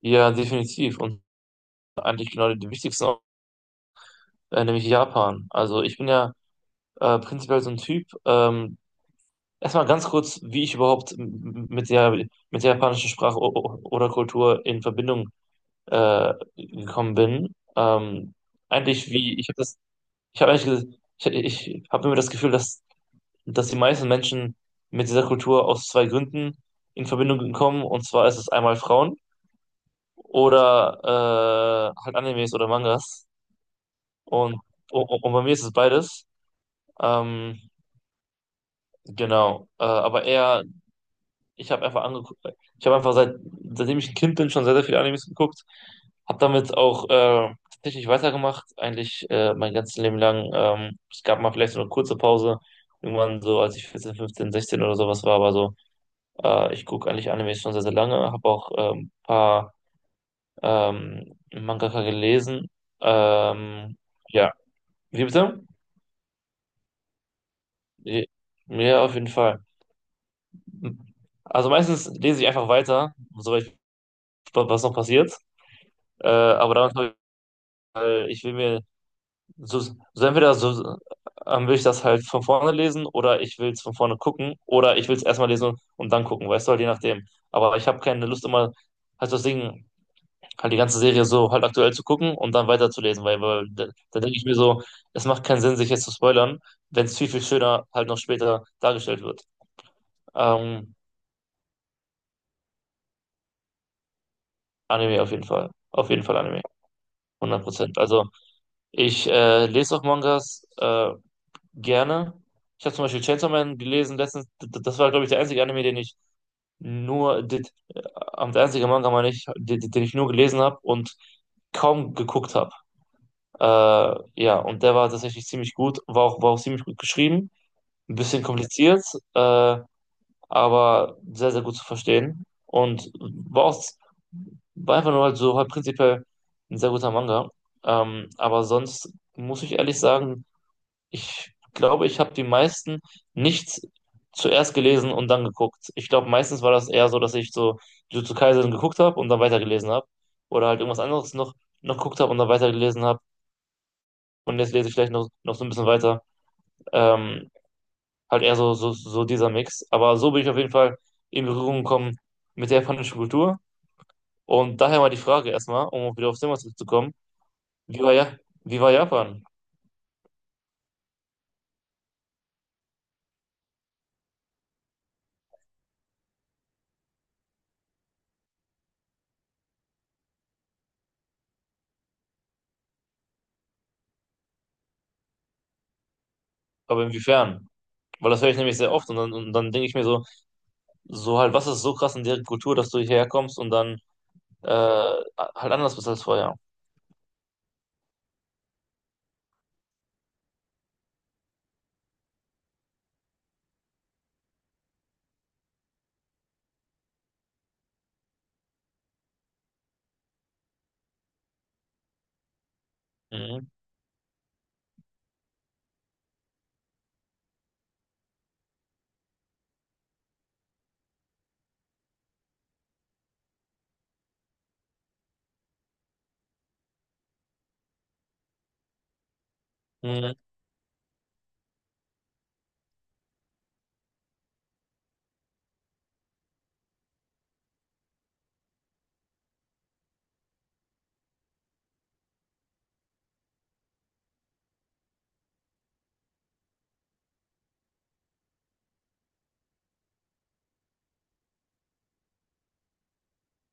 Ja, definitiv. Und eigentlich genau die wichtigsten, auch, nämlich Japan. Also ich bin ja prinzipiell so ein Typ. Erstmal ganz kurz, wie ich überhaupt mit der japanischen Sprache oder Kultur in Verbindung gekommen bin. Eigentlich wie, ich habe eigentlich, ich habe immer das Gefühl, dass die meisten Menschen mit dieser Kultur aus zwei Gründen in Verbindung kommen. Und zwar ist es einmal Frauen oder halt Animes oder Mangas. Und, und bei mir ist es beides. Ähm, genau. Aber ich habe einfach angeguckt, ich habe einfach seitdem ich ein Kind bin, schon sehr, sehr viele Animes geguckt. Habe damit auch tatsächlich weitergemacht, eigentlich mein ganzes Leben lang. Es gab mal vielleicht so eine kurze Pause, irgendwann so, als ich 14 15 16 oder sowas war, aber so, ich gucke eigentlich Animes schon sehr, sehr lange, habe auch ein paar Mangaka gelesen. Ähm, ja, wie bitte? Ja, auf jeden Fall. Also meistens lese ich einfach weiter, soweit was noch passiert. Aber damit habe ich, weil ich will mir entweder so will ich das halt von vorne lesen oder ich will es von vorne gucken oder ich will es erstmal lesen und dann gucken, weißt du, halt je nachdem. Aber ich habe keine Lust immer halt das Ding, halt die ganze Serie so halt aktuell zu gucken und dann weiterzulesen, weil da denke ich mir so, es macht keinen Sinn, sich jetzt zu spoilern, wenn es viel, viel schöner halt noch später dargestellt wird. Ähm, Anime auf jeden Fall. Auf jeden Fall Anime. 100%. Also ich lese auch Mangas gerne. Ich habe zum Beispiel Chainsaw Man gelesen letztens. Das war, glaube ich, der einzige Anime, den ich nur, d- der einzige Manga, meine ich, den ich nur gelesen habe und kaum geguckt habe. Äh, ja, und der war tatsächlich ziemlich gut, war auch ziemlich gut geschrieben, ein bisschen kompliziert. Äh, aber sehr, sehr gut zu verstehen. Und war, auch, war einfach nur halt so halt prinzipiell ein sehr guter Manga. Aber sonst muss ich ehrlich sagen, ich glaube, ich habe die meisten nicht zuerst gelesen und dann geguckt. Ich glaube, meistens war das eher so, dass ich so Jujutsu Kaisen geguckt habe und dann weitergelesen habe. Oder halt irgendwas anderes noch geguckt habe und dann weitergelesen habe. Und jetzt lese ich vielleicht noch so ein bisschen weiter. Ähm, Halt eher so, so, so dieser Mix. Aber so bin ich auf jeden Fall in Berührung gekommen mit der japanischen Kultur. Und daher mal die Frage erstmal, um wieder aufs Thema zurückzukommen. Wie war, ja, wie war Japan? Aber inwiefern? Weil das höre ich nämlich sehr oft und dann denke ich mir so, so halt, was ist so krass in deren Kultur, dass du hierher kommst und dann äh, halt anders bist als vorher? Mhm. Mhm.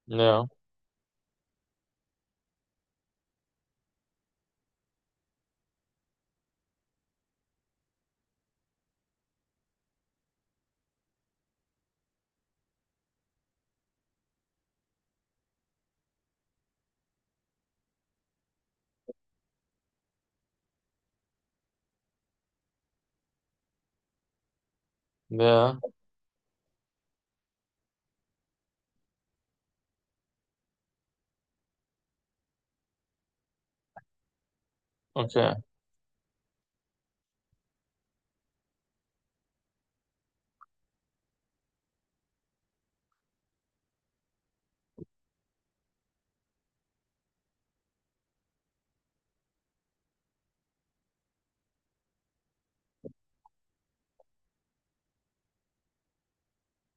Ja, ja, okay.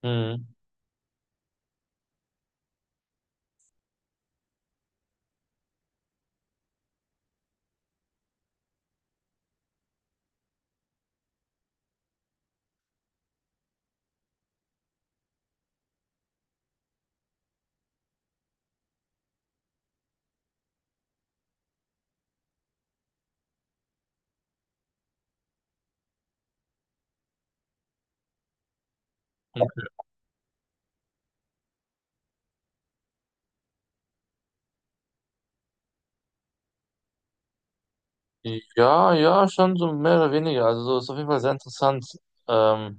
Mhm. Ja, ja, schon so mehr oder weniger. Also so ist auf jeden Fall sehr interessant. Ähm,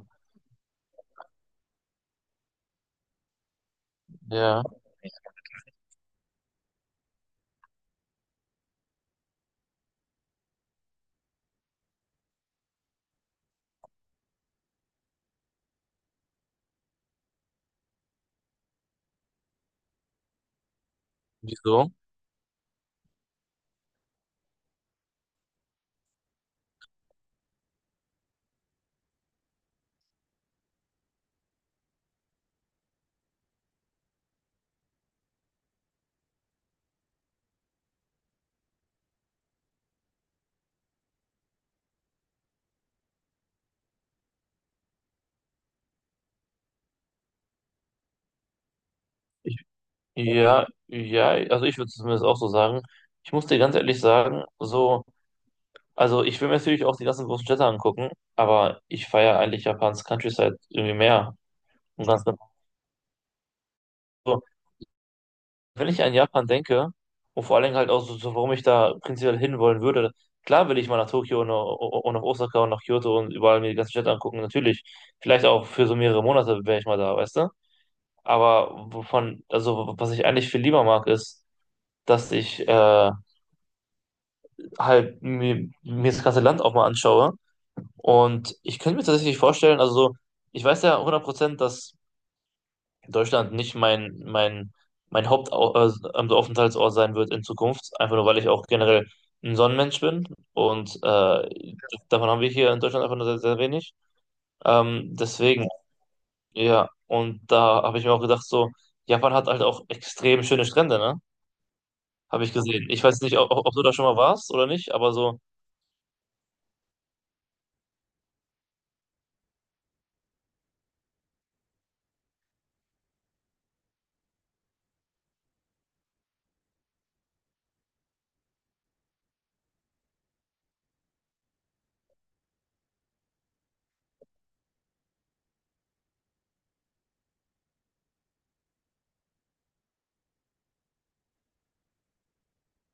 ja, wieso? Ja, ja, also ich würde zumindest auch so sagen. Ich muss dir ganz ehrlich sagen, so, also ich will mir natürlich auch die ganzen großen Städte angucken, aber ich feiere eigentlich Japans Countryside irgendwie mehr. Und ganz genau. So, wenn ich an Japan denke, und vor allen Dingen halt auch so, so, warum ich da prinzipiell hinwollen würde, klar will ich mal nach Tokio und nach Osaka und nach Kyoto und überall mir die ganzen Städte angucken, natürlich. Vielleicht auch für so mehrere Monate wäre ich mal da, weißt du? Aber wovon, also was ich eigentlich viel lieber mag, ist, dass ich halt mir das ganze Land auch mal anschaue. Und ich könnte mir tatsächlich vorstellen, also so, ich weiß ja 100%, dass Deutschland nicht mein Hauptaufenthaltsort sein wird in Zukunft, einfach nur weil ich auch generell ein Sonnenmensch bin. Und davon haben wir hier in Deutschland einfach nur sehr, sehr wenig. Deswegen, ja, und da habe ich mir auch gedacht, so, Japan hat halt auch extrem schöne Strände, ne? Habe ich gesehen. Ich weiß nicht, ob, ob du da schon mal warst oder nicht, aber so,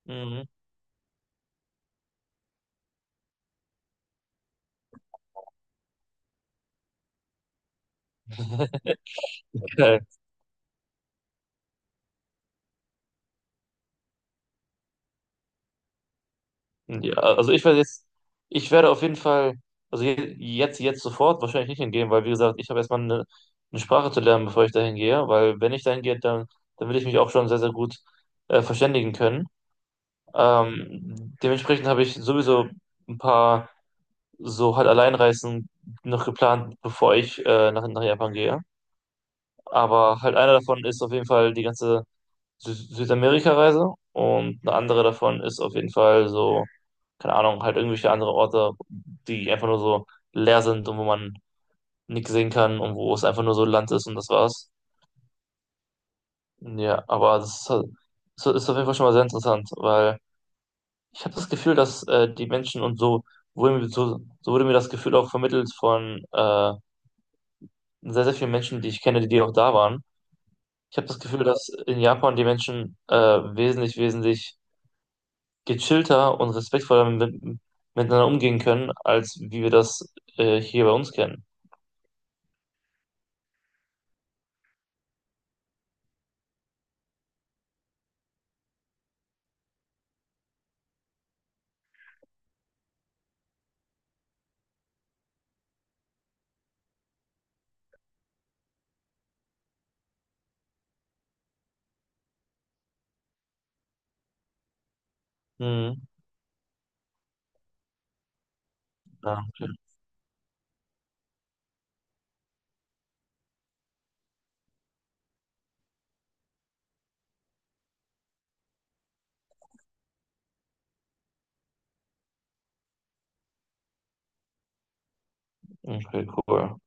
mhm. Ja, also ich werde jetzt, ich werde auf jeden Fall, also jetzt sofort wahrscheinlich nicht hingehen, weil wie gesagt, ich habe eine Sprache zu lernen, bevor ich dahin gehe, weil wenn ich dahin gehe, dann will ich mich auch schon sehr, sehr gut verständigen können. Dementsprechend habe ich sowieso ein paar so halt Alleinreisen noch geplant, bevor ich nach Japan gehe. Aber halt einer davon ist auf jeden Fall die ganze Sü Südamerika-Reise und eine andere davon ist auf jeden Fall so keine Ahnung, halt irgendwelche andere Orte, die einfach nur so leer sind und wo man nichts sehen kann und wo es einfach nur so Land ist und das war's. Ja, aber das ist, halt- das ist auf jeden Fall schon mal sehr interessant, weil ich habe das Gefühl, dass die Menschen und so wurde mir, wurde mir das Gefühl auch vermittelt von sehr, sehr vielen Menschen, die ich kenne, die auch da waren. Ich habe das Gefühl, dass in Japan die Menschen wesentlich, wesentlich gechillter und respektvoller miteinander umgehen können, als wie wir das hier bei uns kennen. Mhm. Danke. Okay, cool.